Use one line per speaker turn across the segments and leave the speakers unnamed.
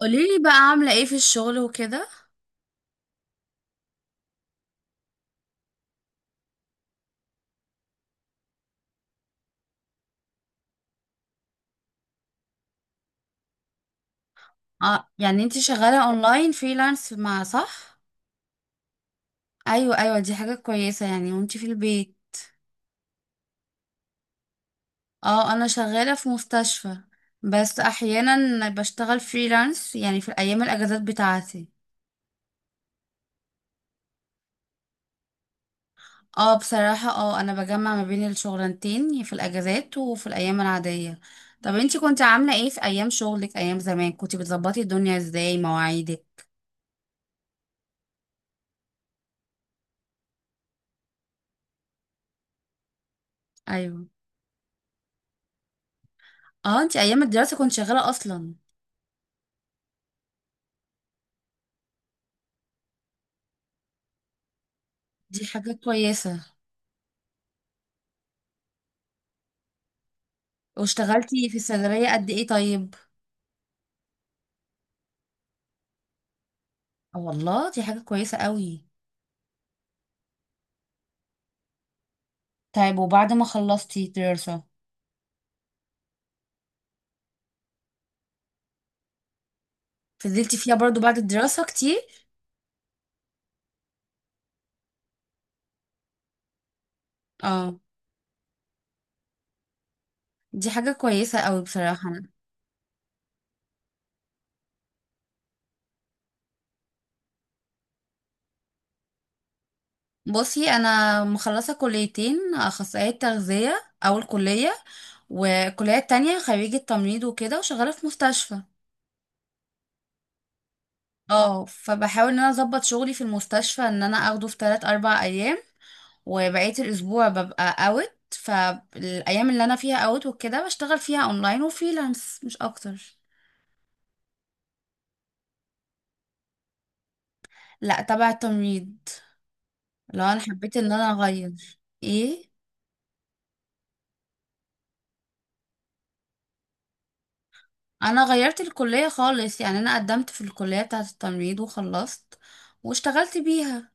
قوليلي بقى عاملة ايه في الشغل وكده. اه يعني انتي شغالة اونلاين فريلانس مع صح؟ ايوه، دي حاجة كويسة يعني. وانتي في البيت؟ اه، انا شغالة في مستشفى، بس احيانا بشتغل فريلانس يعني في الايام الاجازات بتاعتي. اه بصراحة، اه انا بجمع ما بين الشغلانتين في الاجازات وفي الايام العادية. طب انتي كنت عاملة ايه في ايام شغلك؟ ايام زمان كنتي بتظبطي الدنيا ازاي مواعيدك؟ ايوه. اه انتي ايام الدراسة كنت شغالة اصلا. دي حاجة كويسة. واشتغلتي في الصيدلية قد ايه طيب؟ آه والله، دي حاجة كويسة قوي. طيب وبعد ما خلصتي دراسة؟ فضلتي فيها برضو بعد الدراسة كتير. اه، دي حاجة كويسة قوي بصراحة. بصي انا مخلصة كليتين، اخصائية تغذية اول كلية، والكلية التانية خريجة تمريض وكده وشغالة في مستشفى. اه فبحاول ان انا اظبط شغلي في المستشفى ان انا اخده في 3 4 ايام، وبقية الأسبوع ببقى اوت. فالأيام اللي أنا فيها اوت وكده بشتغل فيها أونلاين وفريلانس مش أكتر. لا تبع التمريض. لو أنا حبيت إن أنا أغير. إيه؟ أنا غيرت الكلية خالص، يعني أنا قدمت في الكلية بتاعة التمريض وخلصت واشتغلت بيها.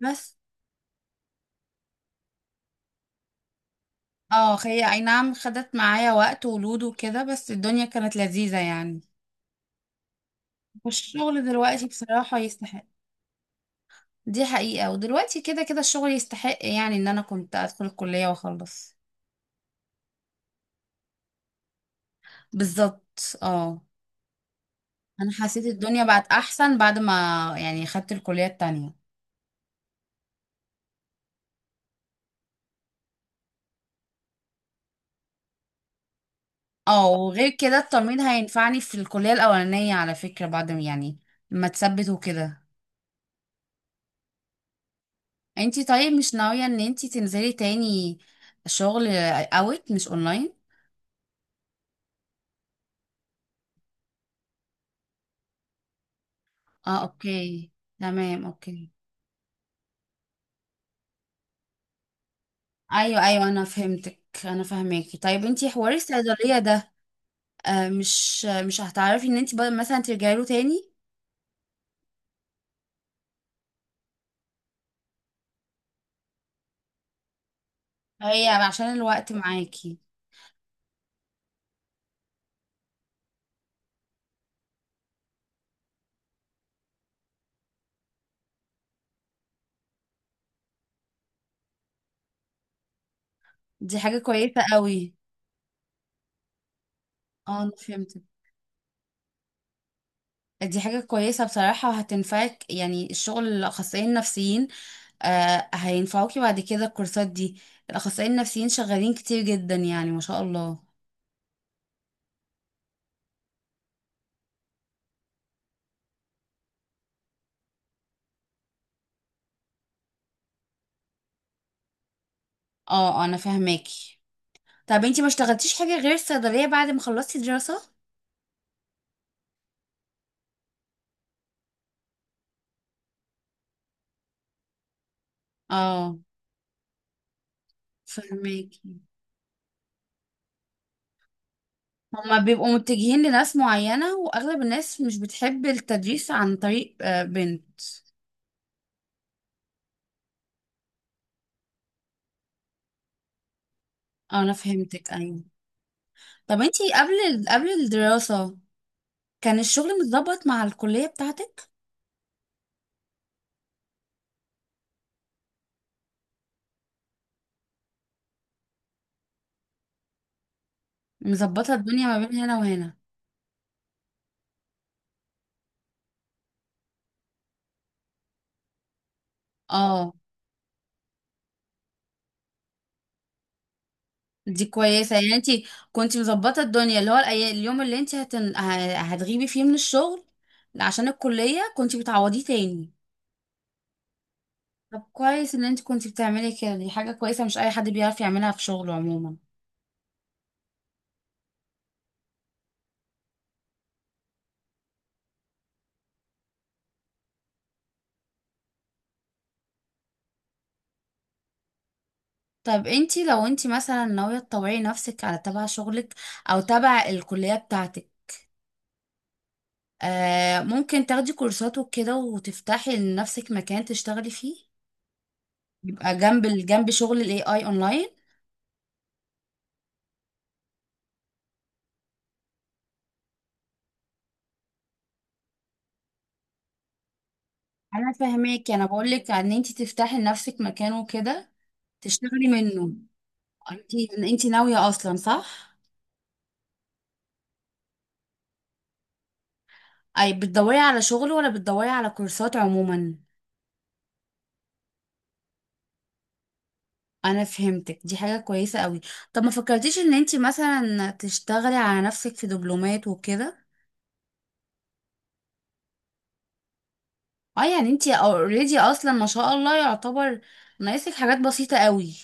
بس اه، هي أي نعم خدت معايا وقت ولود وكده، بس الدنيا كانت لذيذة يعني. والشغل دلوقتي بصراحة يستحق، دي حقيقة. ودلوقتي كده كده الشغل يستحق يعني ان انا كنت ادخل الكلية واخلص. بالظبط، اه. انا حسيت الدنيا بقت احسن بعد ما، يعني خدت الكلية التانية. اه وغير كده التمريض هينفعني في الكلية الاولانية على فكرة بعد ما- يعني ما تثبت وكده. انتي طيب مش ناوية ان انتي تنزلي تاني شغل اوت مش اونلاين؟ اه اوكي، تمام اوكي. ايوه ايوه، انا فهمتك، انا فاهماكي. طيب انتي حوار الصيدلية ده، مش هتعرفي ان انت مثلا ترجعي له تاني؟ هي عشان الوقت معاكي. دي حاجة كويسة قوي. اه انا فهمتك، دي حاجة كويسة بصراحة وهتنفعك، يعني الشغل الأخصائيين النفسيين. آه هينفعوكي بعد كده الكورسات دي. الأخصائيين النفسيين شغالين كتير جدا يعني ما شاء الله. اه، انا فاهماكي. طب انتي ما اشتغلتيش حاجة غير الصيدلية بعد ما خلصتي دراسة؟ اه فهماكي. هما بيبقوا متجهين لناس معينة، وأغلب الناس مش بتحب التدريس عن طريق بنت. آه، أنا فهمتك، أيوة. طب انتي قبل الدراسة كان الشغل متظبط مع الكلية بتاعتك؟ مظبطة الدنيا ما بين هنا وهنا. اه دي كويسة، يعني انتي كنتي مظبطة الدنيا، اللي هو اليوم اللي انتي هتغيبي فيه من الشغل عشان الكلية كنتي بتعوضيه تاني. طب كويس ان انتي كنتي بتعملي كده، دي حاجة كويسة مش أي حد بيعرف يعملها في شغله عموما. طب انتي لو انتي مثلا ناوية تطوعي نفسك على تبع شغلك او تبع الكلية بتاعتك، آه ممكن تاخدي كورسات وكده وتفتحي لنفسك مكان تشتغلي فيه، يبقى جنب شغل الاي اي اونلاين. انا فاهماكي، انا بقولك ان انتي تفتحي لنفسك مكان وكده تشتغلي منه. انتي انتي ناوية اصلا صح؟ اي بتدوري على شغل ولا بتدوري على كورسات عموما؟ انا فهمتك، دي حاجة كويسة قوي. طب ما فكرتيش ان انتي مثلا تشتغلي على نفسك في دبلومات وكده؟ اه يعني انتي اوريدي اصلا ما شاء الله، يعتبر ناقصك حاجات بسيطة قوي.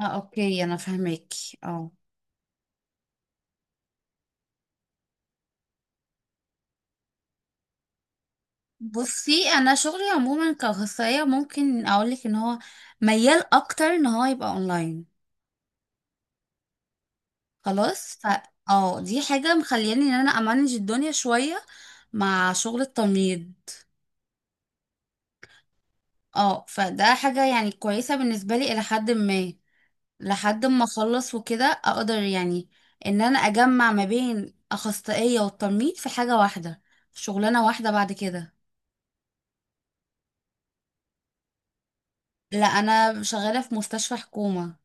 اه اوكي، انا فهماكي اه. بصي انا شغلي عموما كأخصائية ممكن اقولك ان هو ميال اكتر ان هو يبقى اونلاين. خلاص ف اه دي حاجة مخلياني ان انا امانج الدنيا شوية مع شغل التمريض. اه فده حاجة يعني كويسة بالنسبة لي الى حد ما، لحد ما اخلص وكده اقدر يعني ان انا اجمع ما بين اخصائية والتمريض في حاجة واحدة، في شغلانة واحدة بعد كده. لا انا شغالة في مستشفى حكومة،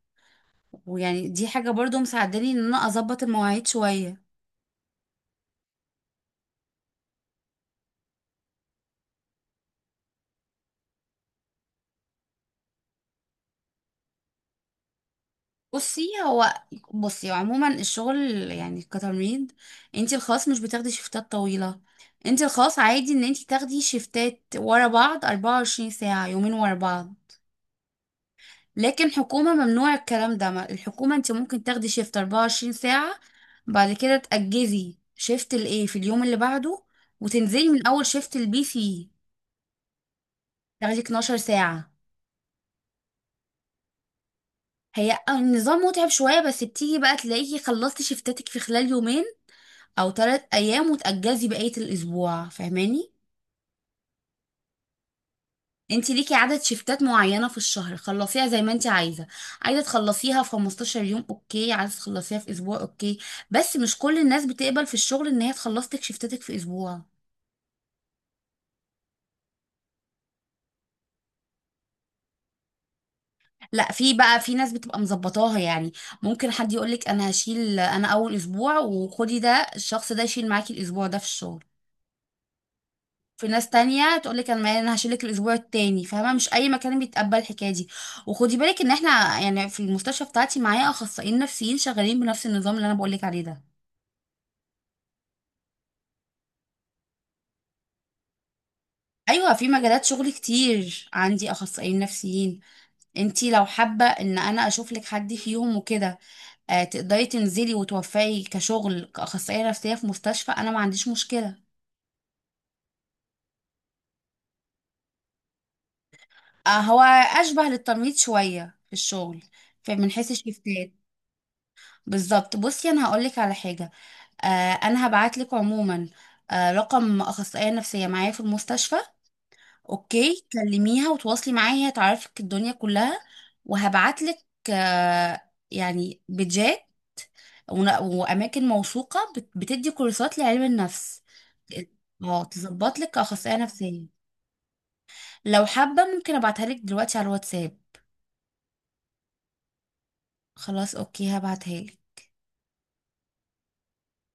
ويعني دي حاجة برضو مساعداني ان انا اظبط المواعيد شوية. بصي هو بصي عموما الشغل يعني كتمريض، انتي الخاص مش بتاخدي شيفتات طويلة. انتي الخاص عادي ان انتي تاخدي شيفتات ورا بعض 24 ساعة، يومين ورا بعض. لكن حكومة ممنوع الكلام ده. الحكومة انت ممكن تاخدي شيفت 24 ساعة، بعد كده تأجزي شيفت الايه في اليوم اللي بعده، وتنزلي من اول شيفت البي سي تاخدي 12 ساعة. هي النظام متعب شوية، بس بتيجي بقى تلاقيكي خلصتي شيفتاتك في خلال يومين او ثلاث ايام وتأجزي بقية الاسبوع، فاهماني؟ انت ليكي عدد شفتات معينة في الشهر، خلصيها زي ما انت عايزة. عايزة تخلصيها في 15 يوم اوكي، عايزة تخلصيها في اسبوع اوكي، بس مش كل الناس بتقبل في الشغل ان هي تخلص لك شفتاتك في اسبوع. لا في بقى في ناس بتبقى مظبطاها يعني، ممكن حد يقولك انا هشيل انا اول اسبوع وخدي ده، الشخص ده يشيل معاكي الاسبوع ده في الشغل. في ناس تانية تقولك انا هشيلك الاسبوع التاني، فاهمة؟ مش اي مكان بيتقبل الحكاية دي. وخدي بالك ان احنا يعني في المستشفى بتاعتي معايا اخصائيين نفسيين شغالين بنفس النظام اللي انا بقولك عليه ده. ايوه في مجالات شغل كتير عندي اخصائيين نفسيين. انتي لو حابه ان انا اشوف لك حد فيهم وكده، آه تقدري تنزلي وتوفقي كشغل كاخصائيه نفسيه في مستشفى، انا ما عنديش مشكله. آه هو اشبه للتمريض شويه في الشغل، فمن حيث الشفتات. بالظبط، بصي انا هقول لك على حاجه. آه انا هبعت لك عموما آه رقم اخصائيه نفسيه معايا في المستشفى. اوكي كلميها وتواصلي معاها هي تعرفك الدنيا كلها. وهبعتلك آه، يعني بيجات واماكن موثوقه بتدي كورسات لعلم النفس. اه تظبط لك اخصائيه نفسيه. لو حابه ممكن ابعتها لك دلوقتي على الواتساب. خلاص اوكي هبعتها لك.